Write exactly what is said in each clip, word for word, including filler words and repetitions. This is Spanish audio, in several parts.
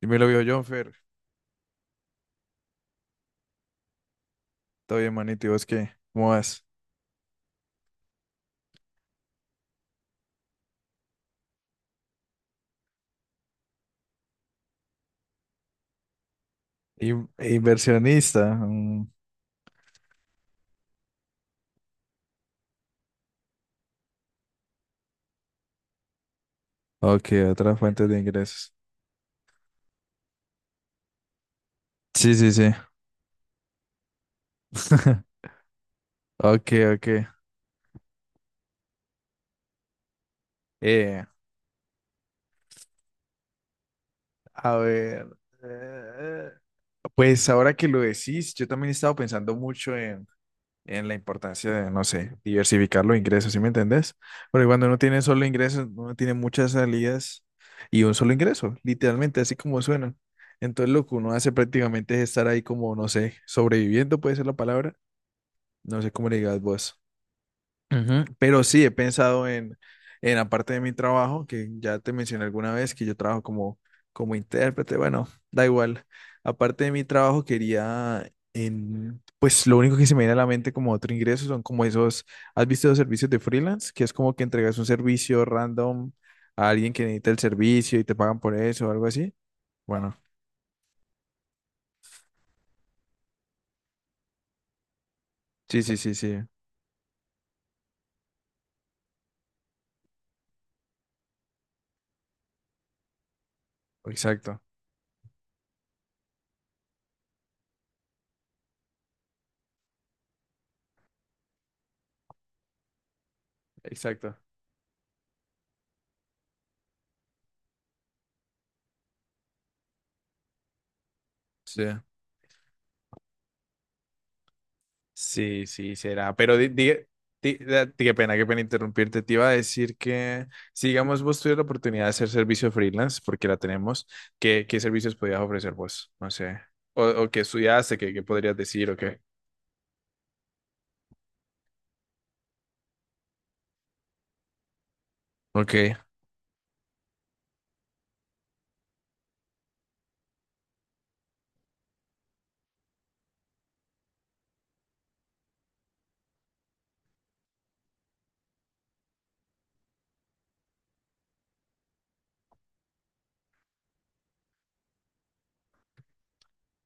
Y me lo vio John Fer. Todo bien, manito. ¿Y vos qué? ¿Cómo vas? In- inversionista. mm. Ok, otra fuente de ingresos. Sí, sí, sí. Ok, ok. Eh, a ver. eh, pues ahora que lo decís, yo también he estado pensando mucho en la importancia de, no sé, diversificar los ingresos, ¿sí me entendés? Porque cuando uno tiene solo ingresos, uno tiene muchas salidas y un solo ingreso, literalmente, así como suena. Entonces lo que uno hace prácticamente es estar ahí como, no sé, sobreviviendo puede ser la palabra, no sé cómo le digas vos. Ujú. Pero sí he pensado en, en la parte de mi trabajo, que ya te mencioné alguna vez, que yo trabajo como, como intérprete, bueno, da igual. Aparte de mi trabajo, quería, en, pues lo único que se me viene a la mente como otro ingreso son como esos, ¿has visto los servicios de freelance? Que es como que entregas un servicio random a alguien que necesita el servicio y te pagan por eso o algo así. Bueno, sí, sí, sí, sí, exacto, exacto. Sí. Sí, sí, será. Pero di, di- di- da- di- qué pena, qué pena interrumpirte. Te iba a decir que, si digamos, vos tuvieras la oportunidad de hacer servicio freelance, porque la tenemos, ¿qué, qué servicios podías ofrecer vos? No sé. O, o qué estudiaste, qué, qué podrías decir, o qué. Ok,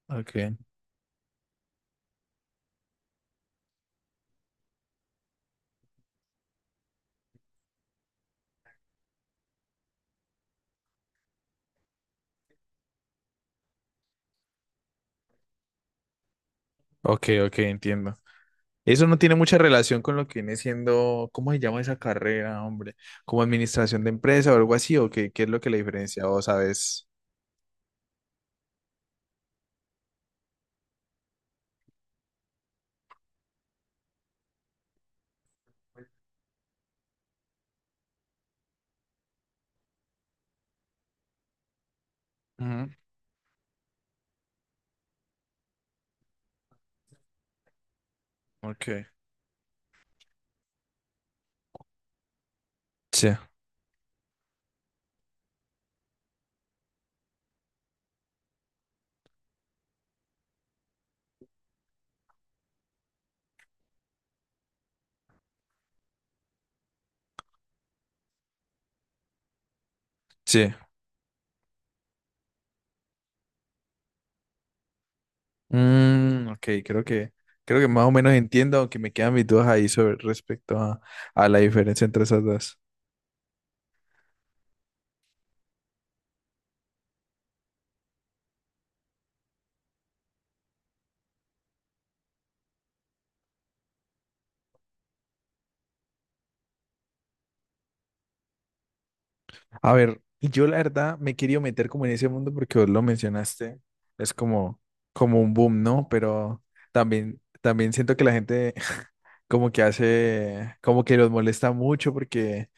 ok, ok, ok, entiendo. Eso no tiene mucha relación con lo que viene siendo, ¿cómo se llama esa carrera, hombre? ¿Como administración de empresa o algo así? ¿O qué, qué es lo que la diferencia? ¿O sabes? Ujú. Ok. Sí, sí. Mm, ok, creo que, creo que más o menos entiendo, aunque me quedan mis dudas ahí sobre respecto a, a la diferencia entre esas dos. A ver, yo la verdad me he querido meter como en ese mundo porque vos lo mencionaste, es como, como un boom, ¿no? Pero también, también siento que la gente como que hace, como que los molesta mucho porque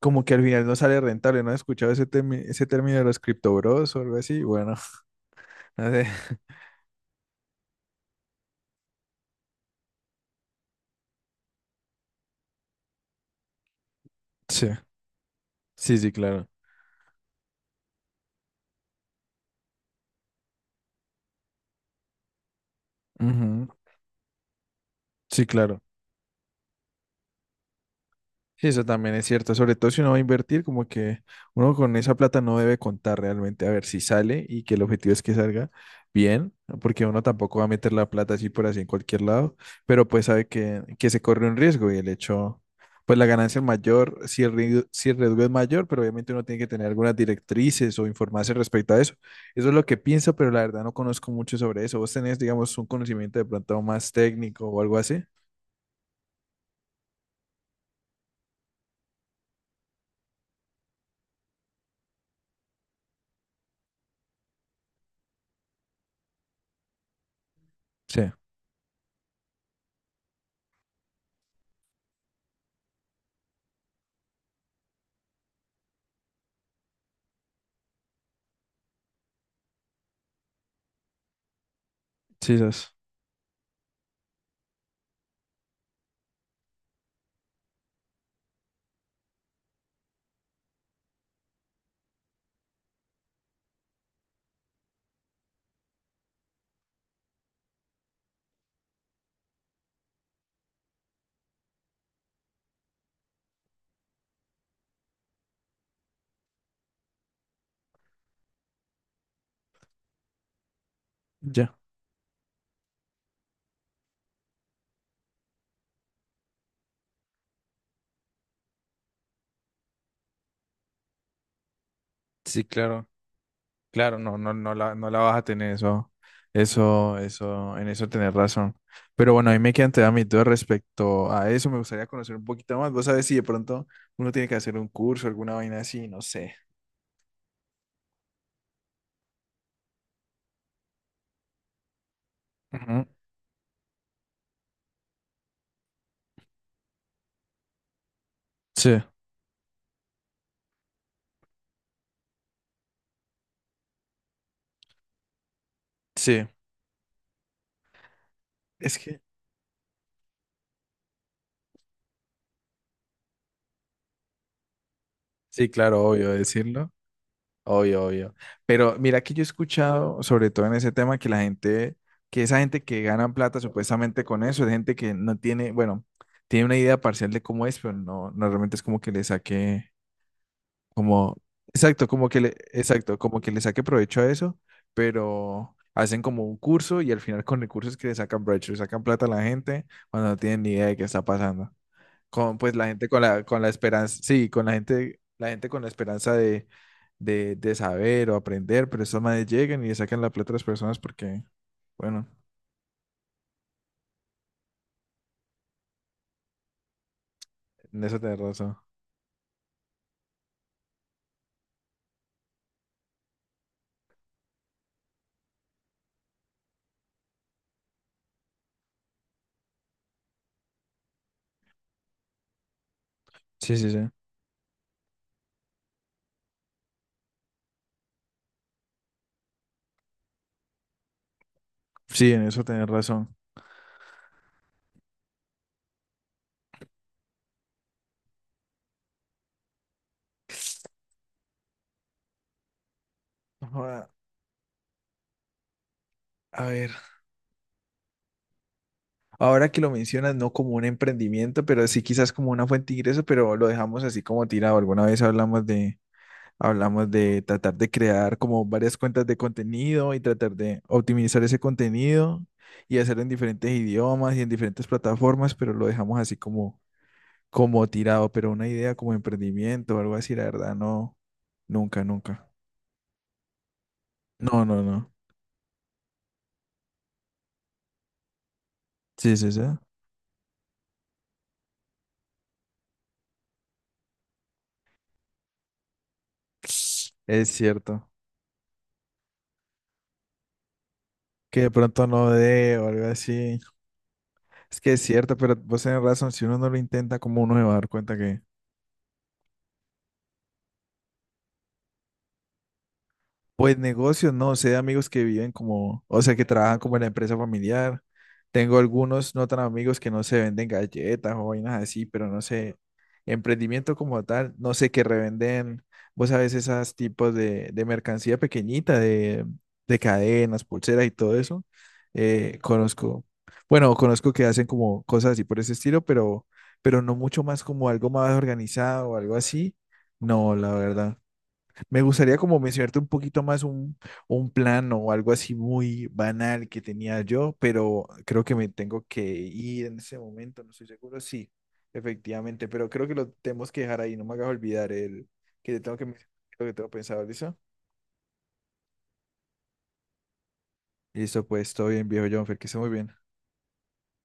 como que al final no sale rentable, ¿no has escuchado ese, termi- ese término de los cripto bros o algo así? Bueno, no sé. Sí, sí, sí, claro. Ujú. Sí, claro. Sí, eso también es cierto, sobre todo si uno va a invertir, como que uno con esa plata no debe contar realmente a ver si sale y que el objetivo es que salga bien, ¿no? Porque uno tampoco va a meter la plata así por así en cualquier lado, pero pues sabe que, que se corre un riesgo y el hecho, pues la ganancia es mayor, si el, riesgo- si el riesgo es mayor, pero obviamente uno tiene que tener algunas directrices o informarse respecto a eso. Eso es lo que pienso, pero la verdad no conozco mucho sobre eso. ¿Vos tenés, digamos, un conocimiento de pronto más técnico o algo así? Sí, sí, eso es. Ya. Sí, claro. Claro, no, no, no la, no la vas a tener eso, eso, eso, en eso tenés razón. Pero bueno, ahí me quedan todavía mis dudas respecto a eso. Me gustaría conocer un poquito más. Vos sabés si de pronto uno tiene que hacer un curso, alguna vaina así, no sé. Ujú. Sí, sí. Es que, sí, claro, obvio decirlo. Obvio, obvio. Pero mira que yo he escuchado, sobre todo en ese tema, que la gente, que esa gente que gana plata supuestamente con eso, es gente que no tiene, bueno, tiene una idea parcial de cómo es, pero no, no realmente es como que le saque. Como, exacto, como que le, exacto, como que le saque provecho a eso, pero hacen como un curso y al final con el curso es que le sacan provecho, le sacan plata a la gente cuando no tienen ni idea de qué está pasando. Con pues la gente con la, con la esperanza, sí, con la gente, la gente con la esperanza de, de, de saber o aprender, pero esos manes llegan y le sacan la plata a las personas porque, bueno, en eso tenés razón. Sí, sí, sí. Sí, en eso tenés razón. Ahora, a ver. Ahora que lo mencionas, no como un emprendimiento, pero sí quizás como una fuente de ingreso, pero lo dejamos así como tirado. Alguna vez hablamos de, hablamos de tratar de crear como varias cuentas de contenido y tratar de optimizar ese contenido y hacerlo en diferentes idiomas y en diferentes plataformas, pero lo dejamos así como, como tirado. Pero una idea como emprendimiento o algo así, la verdad, no, nunca, nunca. No, no, no. Sí, sí, sí. Es cierto. Que de pronto no dé o algo así. Es que es cierto, pero vos tenés razón, si uno no lo intenta, ¿cómo uno se va a dar cuenta que, pues negocios, no sé, amigos que viven como, o sea, que trabajan como en la empresa familiar. Tengo algunos no tan amigos que no se venden galletas o vainas así, pero no sé, emprendimiento como tal, no sé, que revenden, vos sabes, esas tipos de, de mercancía pequeñita, de, de cadenas, pulseras y todo eso. Eh, conozco, bueno, conozco que hacen como cosas así por ese estilo, pero, pero no mucho más como algo más organizado o algo así. No, la verdad. Me gustaría como mencionarte un poquito más un, un plan o algo así muy banal que tenía yo, pero creo que me tengo que ir en ese momento, no estoy seguro. Sí, efectivamente, pero creo que lo tenemos que dejar ahí, no me hagas olvidar el que te tengo que mencionar, lo que tengo pensado, ¿listo? Listo, pues todo bien, viejo Jonfer, que esté muy bien.